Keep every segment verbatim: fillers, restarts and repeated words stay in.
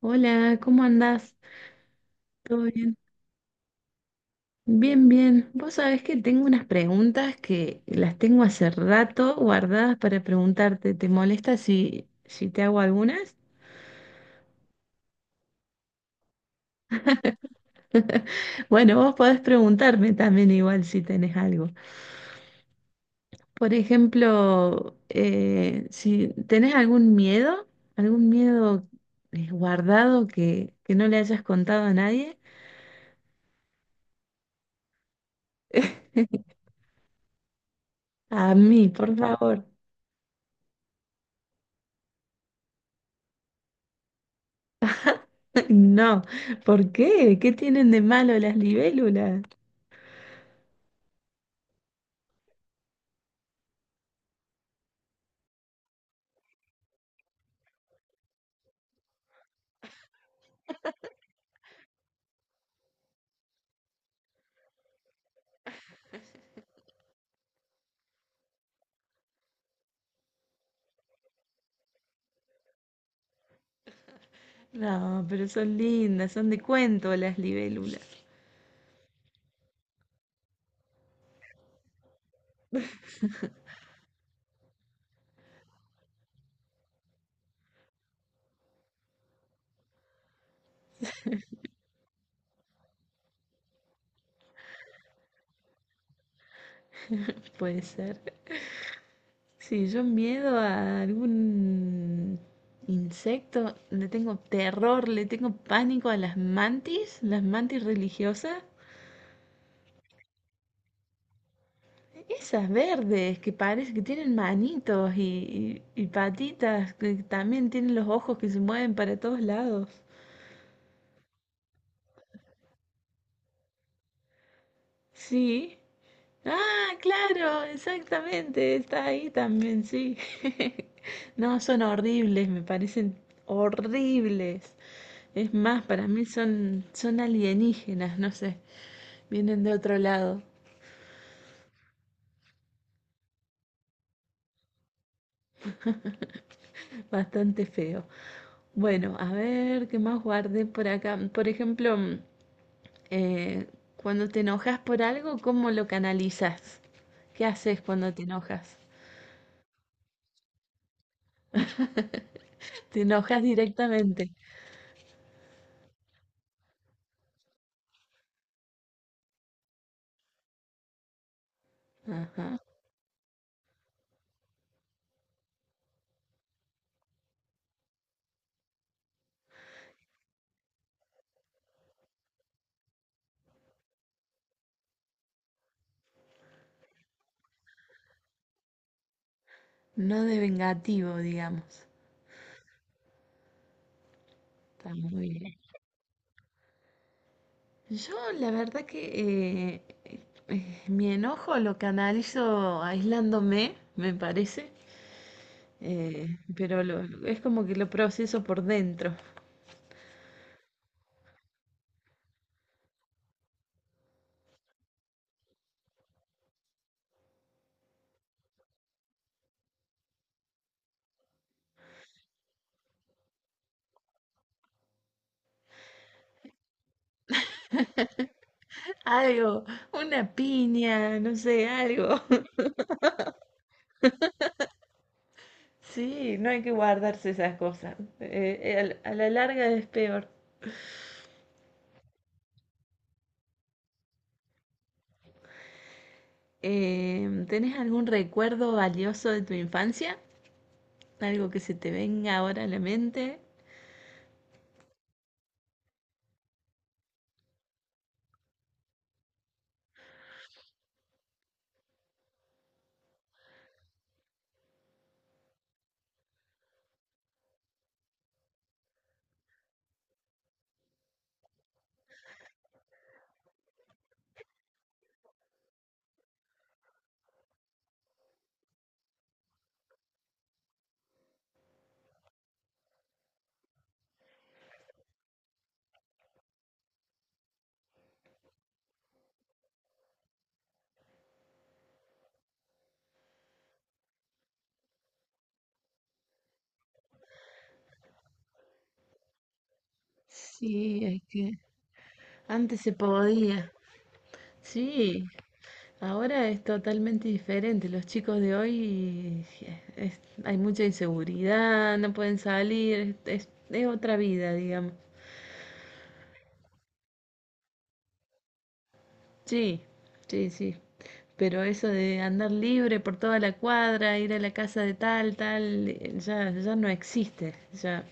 Hola, ¿cómo andás? ¿Todo bien? Bien, bien. Vos sabés que tengo unas preguntas que las tengo hace rato guardadas para preguntarte. ¿Te molesta si, si te hago algunas? Bueno, vos podés preguntarme también igual si tenés algo. Por ejemplo, eh, si tenés algún miedo, algún miedo eh, guardado que, que no le hayas contado a nadie. A mí, por favor. No, ¿por qué? ¿Qué tienen de malo las libélulas? No, pero son lindas, son de cuento las libélulas. Puede ser. Sí, yo miedo a algún insecto, le tengo terror, le tengo pánico a las mantis, las mantis religiosas. Esas verdes que parece que tienen manitos y, y y patitas, que también tienen los ojos que se mueven para todos lados. Sí. Ah, claro, exactamente, está ahí también, sí. No, son horribles, me parecen horribles. Es más, para mí son, son alienígenas, no sé, vienen de otro lado, bastante feo. Bueno, a ver, ¿qué más guardé por acá? Por ejemplo, mm, eh, cuando te enojas por algo, ¿cómo lo canalizas? ¿Qué haces cuando te enojas? ¿Te enojas directamente? Ajá. No de vengativo, digamos. Está muy bien. Yo la verdad que eh, eh, mi enojo lo canalizo aislándome, me parece, eh, pero lo- es como que lo proceso por dentro. Algo, una piña, no sé, algo. Sí, no hay que guardarse esas cosas. Eh, a la larga es peor. Eh, ¿tenés algún recuerdo valioso de tu infancia? ¿Algo que se te venga ahora a la mente? Sí, es que antes se podía. Sí, ahora es totalmente diferente. Los chicos de hoy es- hay mucha inseguridad, no pueden salir, es, es otra vida, digamos. Sí, sí, sí. Pero eso de andar libre por toda la cuadra, ir a la casa de tal, tal, eh, ya, ya no existe, ya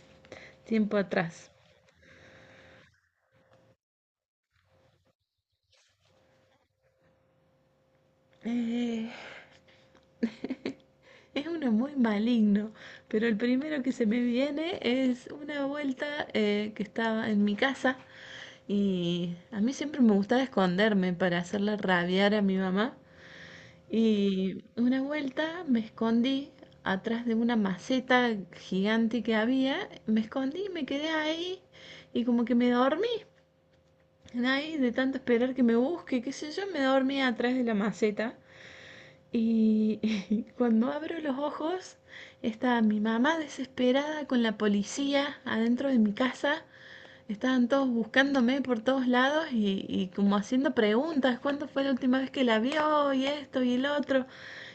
tiempo atrás. Eh, es uno muy maligno, pero el primero que se me viene es una vuelta eh, que estaba en mi casa. Y a mí siempre me gustaba esconderme para hacerla rabiar a mi mamá. Y una vuelta me escondí atrás de una maceta gigante que había. Me escondí, me quedé ahí. Y como que me dormí. Ahí, de tanto esperar que me busque, qué sé yo, me dormí atrás de la maceta. Y cuando abro los ojos, está mi mamá desesperada con la policía adentro de mi casa. Estaban todos buscándome por todos lados y, y como haciendo preguntas. ¿Cuándo fue la última vez que la vio? Y esto y el otro.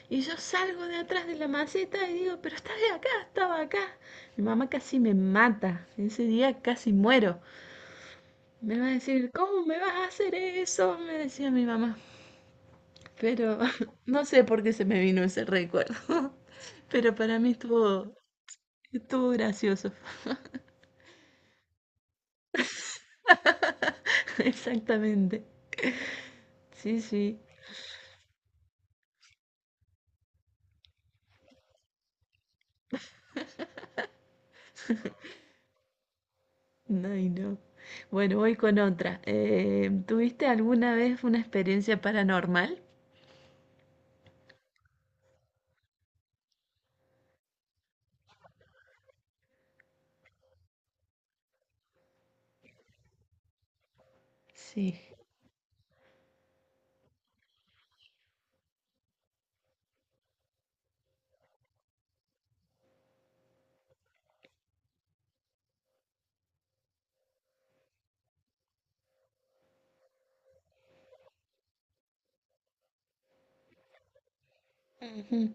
Y yo salgo de atrás de la maceta y digo, pero estaba acá, estaba acá. Mi mamá casi me mata, ese día casi muero. Me va a decir, ¿cómo me vas a hacer eso? Me decía mi mamá. Pero no sé por qué se me vino ese recuerdo. Pero para mí estuvo, estuvo gracioso. Exactamente. Sí, sí. Ay, no. Bueno, voy con otra. Eh, ¿tuviste alguna vez una experiencia paranormal? Sí. Ujú.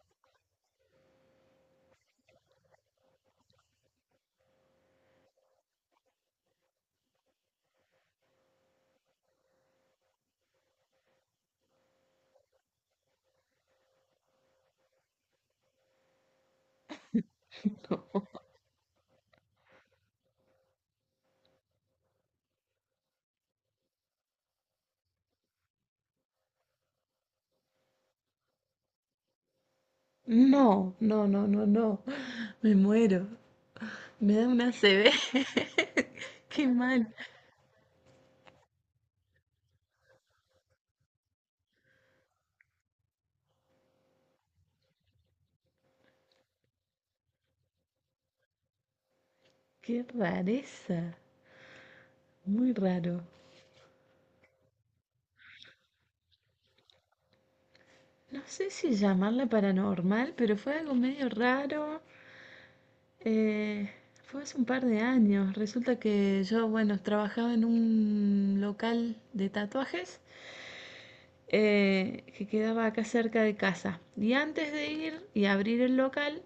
No, no, no, no, no. Me muero. Me da una C CB. Qué mal. Qué rareza. Muy raro. No sé si llamarla paranormal, pero fue algo medio raro. Eh, fue hace un par de años. Resulta que yo, bueno, trabajaba en un local de tatuajes, eh, que quedaba acá cerca de casa. Y antes de ir y abrir el local,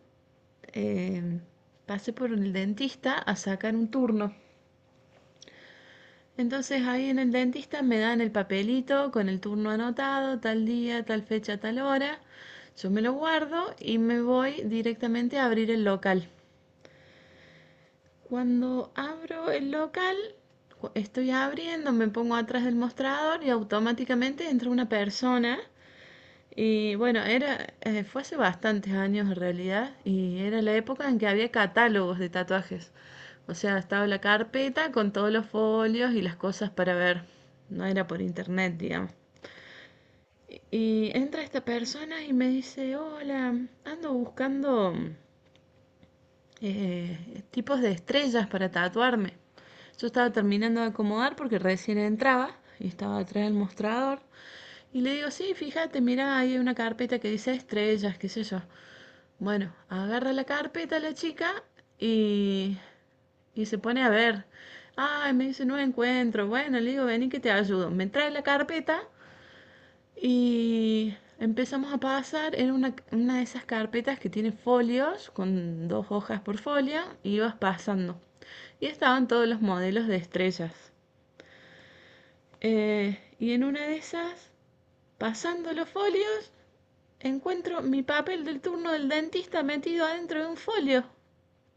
eh, pasé por el dentista a sacar un turno. Entonces ahí en el dentista me dan el papelito con el turno anotado, tal día, tal fecha, tal hora. Yo me lo guardo y me voy directamente a abrir el local. Cuando abro el local, estoy abriendo, me pongo atrás del mostrador y automáticamente entra una persona. Y bueno, era, eh, fue hace bastantes años en realidad, y era la época en que había catálogos de tatuajes. O sea, estaba la carpeta con todos los folios y las cosas para ver. No era por internet, digamos. Y, y entra esta persona y me dice, hola, ando buscando eh, tipos de estrellas para tatuarme. Yo estaba terminando de acomodar porque recién entraba y estaba atrás del mostrador. Y le digo, sí, fíjate, mira ahí hay una carpeta que dice estrellas, qué sé yo. Bueno, agarra la carpeta la chica y, y se pone a ver. Ay, me dice, no encuentro. Bueno, le digo, vení que te ayudo. Me trae la carpeta y empezamos a pasar, en una, una de esas carpetas que tiene folios, con dos hojas por folio, y ibas pasando. Y estaban todos los modelos de estrellas. Eh, y en una de esas, pasando los folios, encuentro mi papel del turno del dentista metido adentro de un folio,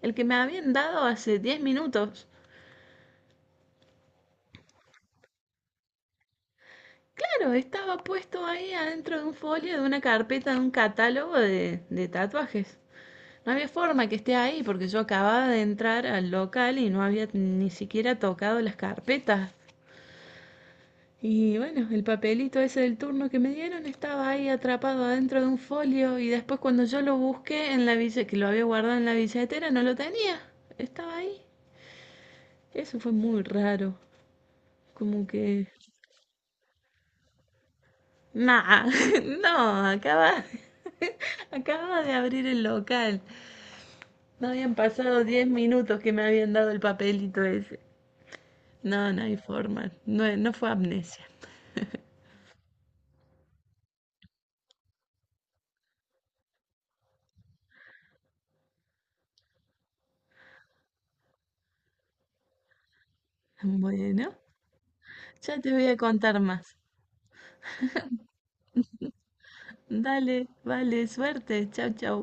el que me habían dado hace diez minutos. Claro, estaba puesto ahí adentro de un folio de una carpeta de un catálogo de, de tatuajes. No había forma que esté ahí porque yo acababa de entrar al local y no había ni siquiera tocado las carpetas. Y bueno, el papelito ese del turno que me dieron estaba ahí atrapado adentro de un folio y después cuando yo lo busqué en la bille- que lo había guardado en la billetera, no lo tenía. Estaba ahí. Eso fue muy raro. Como que. Nah, no, acaba, acaba de abrir el local. No habían pasado diez minutos que me habían dado el papelito ese. No, no hay forma. No, no fue amnesia. Bueno, ya te voy a contar más. Dale, vale, suerte. Chau, chau.